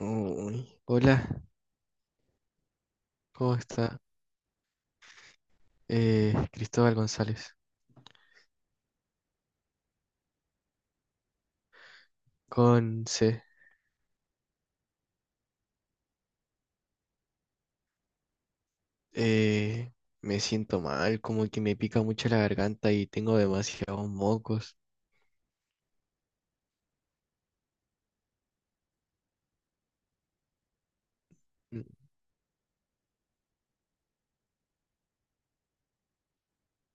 Uy. Hola, ¿cómo está? Cristóbal González, con C. Eh, me siento mal, como que me pica mucho la garganta y tengo demasiados mocos. Mm.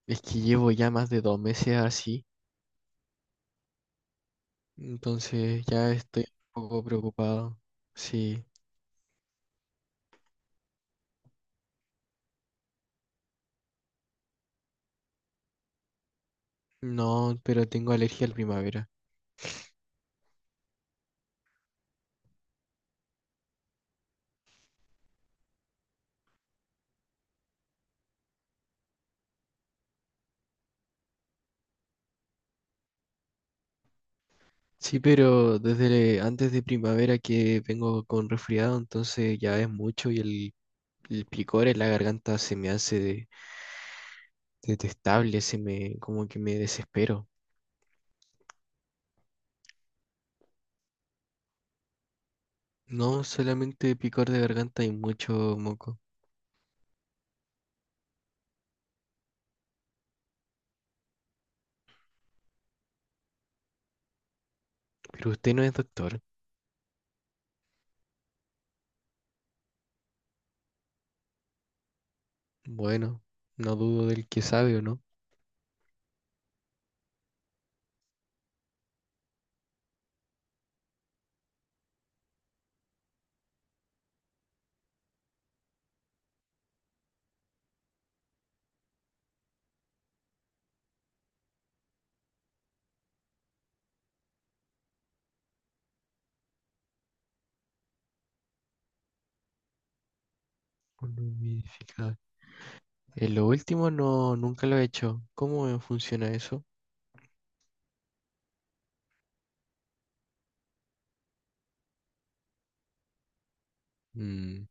Es que llevo ya más de 2 meses así, entonces ya estoy un poco preocupado. Sí, no, pero tengo alergia a la primavera. Sí, pero desde antes de primavera que vengo con resfriado, entonces ya es mucho y el picor en la garganta se me hace detestable, como que me desespero. No, solamente picor de garganta y mucho moco. Pero usted no es doctor. Bueno, no dudo del que sabe o no. Un humidificador. Lo último no, nunca lo he hecho. ¿Cómo funciona eso? Mm.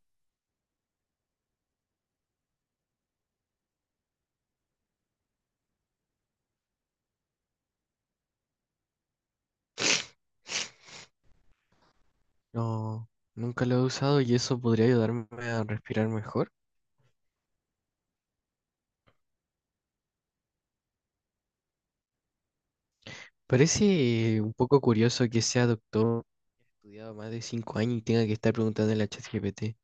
No, nunca lo he usado y eso podría ayudarme a respirar mejor. Parece un poco curioso que sea doctor, estudiado más de 5 años y tenga que estar preguntando a la ChatGPT.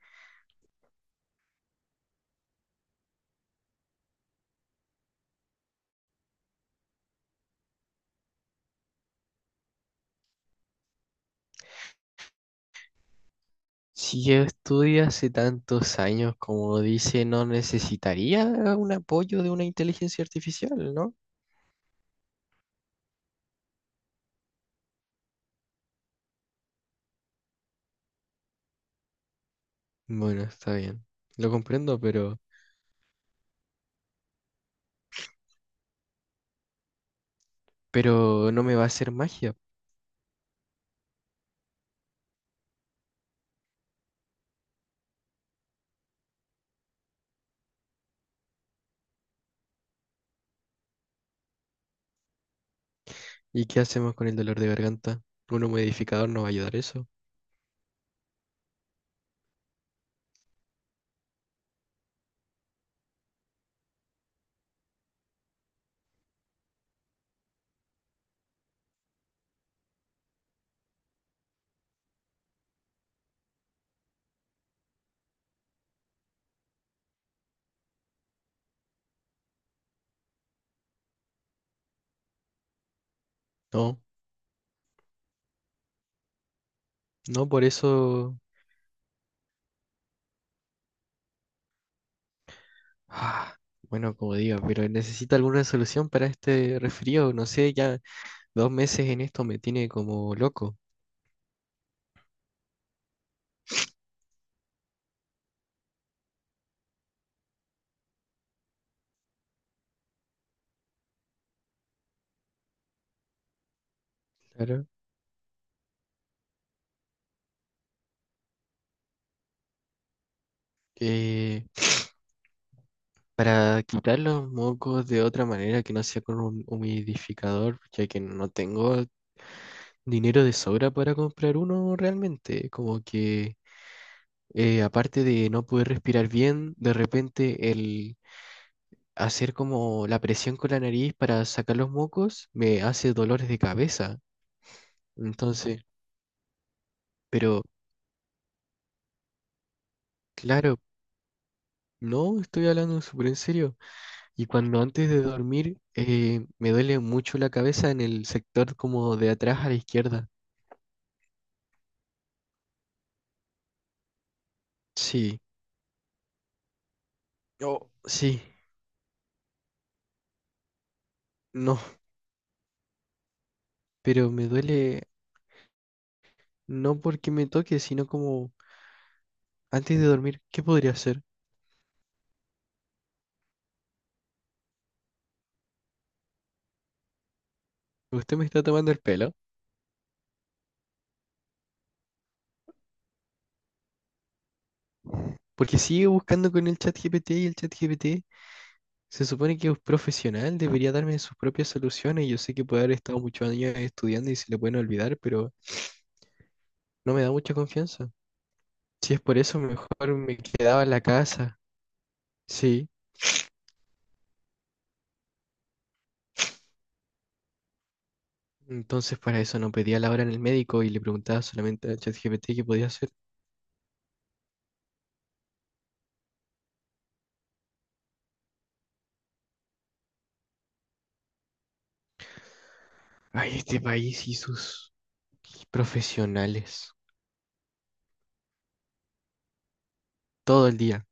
Si yo estudio hace tantos años, como dice, no necesitaría un apoyo de una inteligencia artificial, ¿no? Bueno, está bien. Lo comprendo, pero no me va a hacer magia. ¿Y qué hacemos con el dolor de garganta? ¿Un humidificador no va a ayudar eso? No, no, por eso. Ah, bueno, como digo, pero necesita alguna solución para este resfrío. No sé, ya 2 meses en esto me tiene como loco. Claro. Eh, Para quitar los mocos de otra manera que no sea con un humidificador, ya que no tengo dinero de sobra para comprar uno realmente. Como que aparte de no poder respirar bien, de repente el hacer como la presión con la nariz para sacar los mocos me hace dolores de cabeza. Entonces, pero claro, no estoy hablando súper en serio. Y cuando antes de dormir me duele mucho la cabeza en el sector como de atrás a la izquierda. Sí. Yo, sí, no, pero me duele no porque me toque, sino como antes de dormir, ¿qué podría hacer? Usted me está tomando el pelo, porque sigue buscando con el chat GPT y el chat GPT se supone que es profesional, debería darme sus propias soluciones. Yo sé que puede haber estado muchos años estudiando y se le pueden olvidar, pero no me da mucha confianza. Si es por eso, mejor me quedaba en la casa. Sí, entonces para eso no pedía la hora en el médico y le preguntaba solamente al chat GPT qué podía hacer. Ay, este país y sus. Qué profesionales. Todo el día.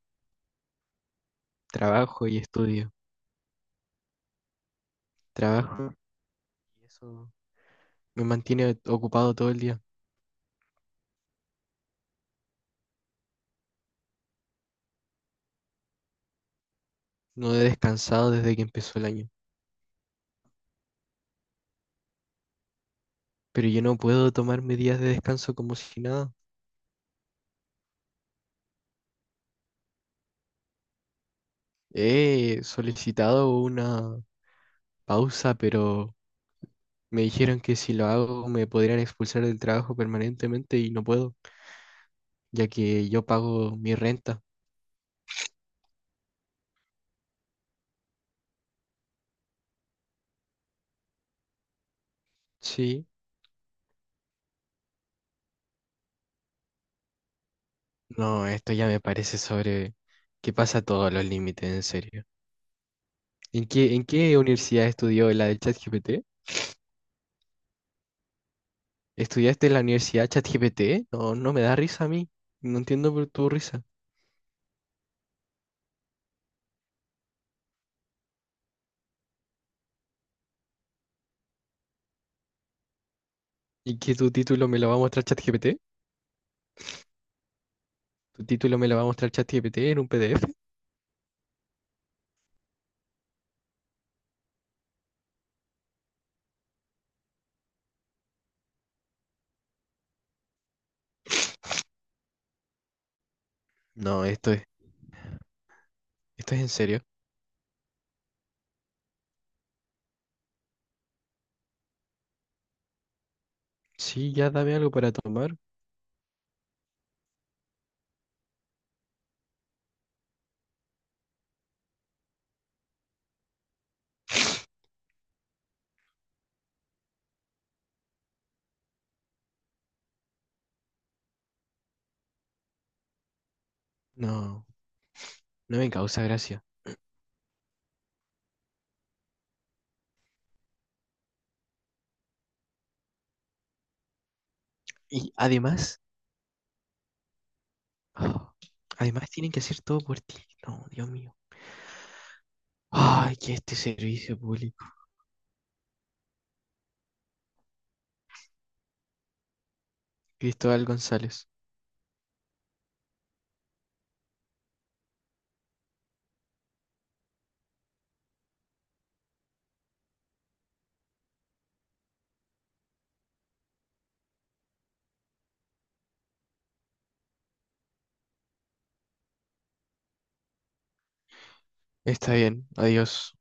Trabajo y estudio. Trabajo y eso me mantiene ocupado todo el día. No he descansado desde que empezó el año. Pero yo no puedo tomarme días de descanso como si nada. He solicitado una pausa, pero me dijeron que si lo hago me podrían expulsar del trabajo permanentemente y no puedo, ya que yo pago mi renta. Sí. No, esto ya me parece sobre que pasa todos los límites, en serio. ¿En qué universidad estudió la del ChatGPT? ¿Estudiaste en la universidad ChatGPT? No, no me da risa a mí. No entiendo por tu risa. ¿Y que tu título me lo va a mostrar ChatGPT? ¿Tu título me lo va a mostrar ChatGPT en un PDF? No, esto es en serio. Sí, ya dame algo para tomar. No, no me causa gracia. Y ah, además tienen que hacer todo por ti. No, Dios mío. Ay, que este servicio público. Cristóbal González. Está bien, adiós.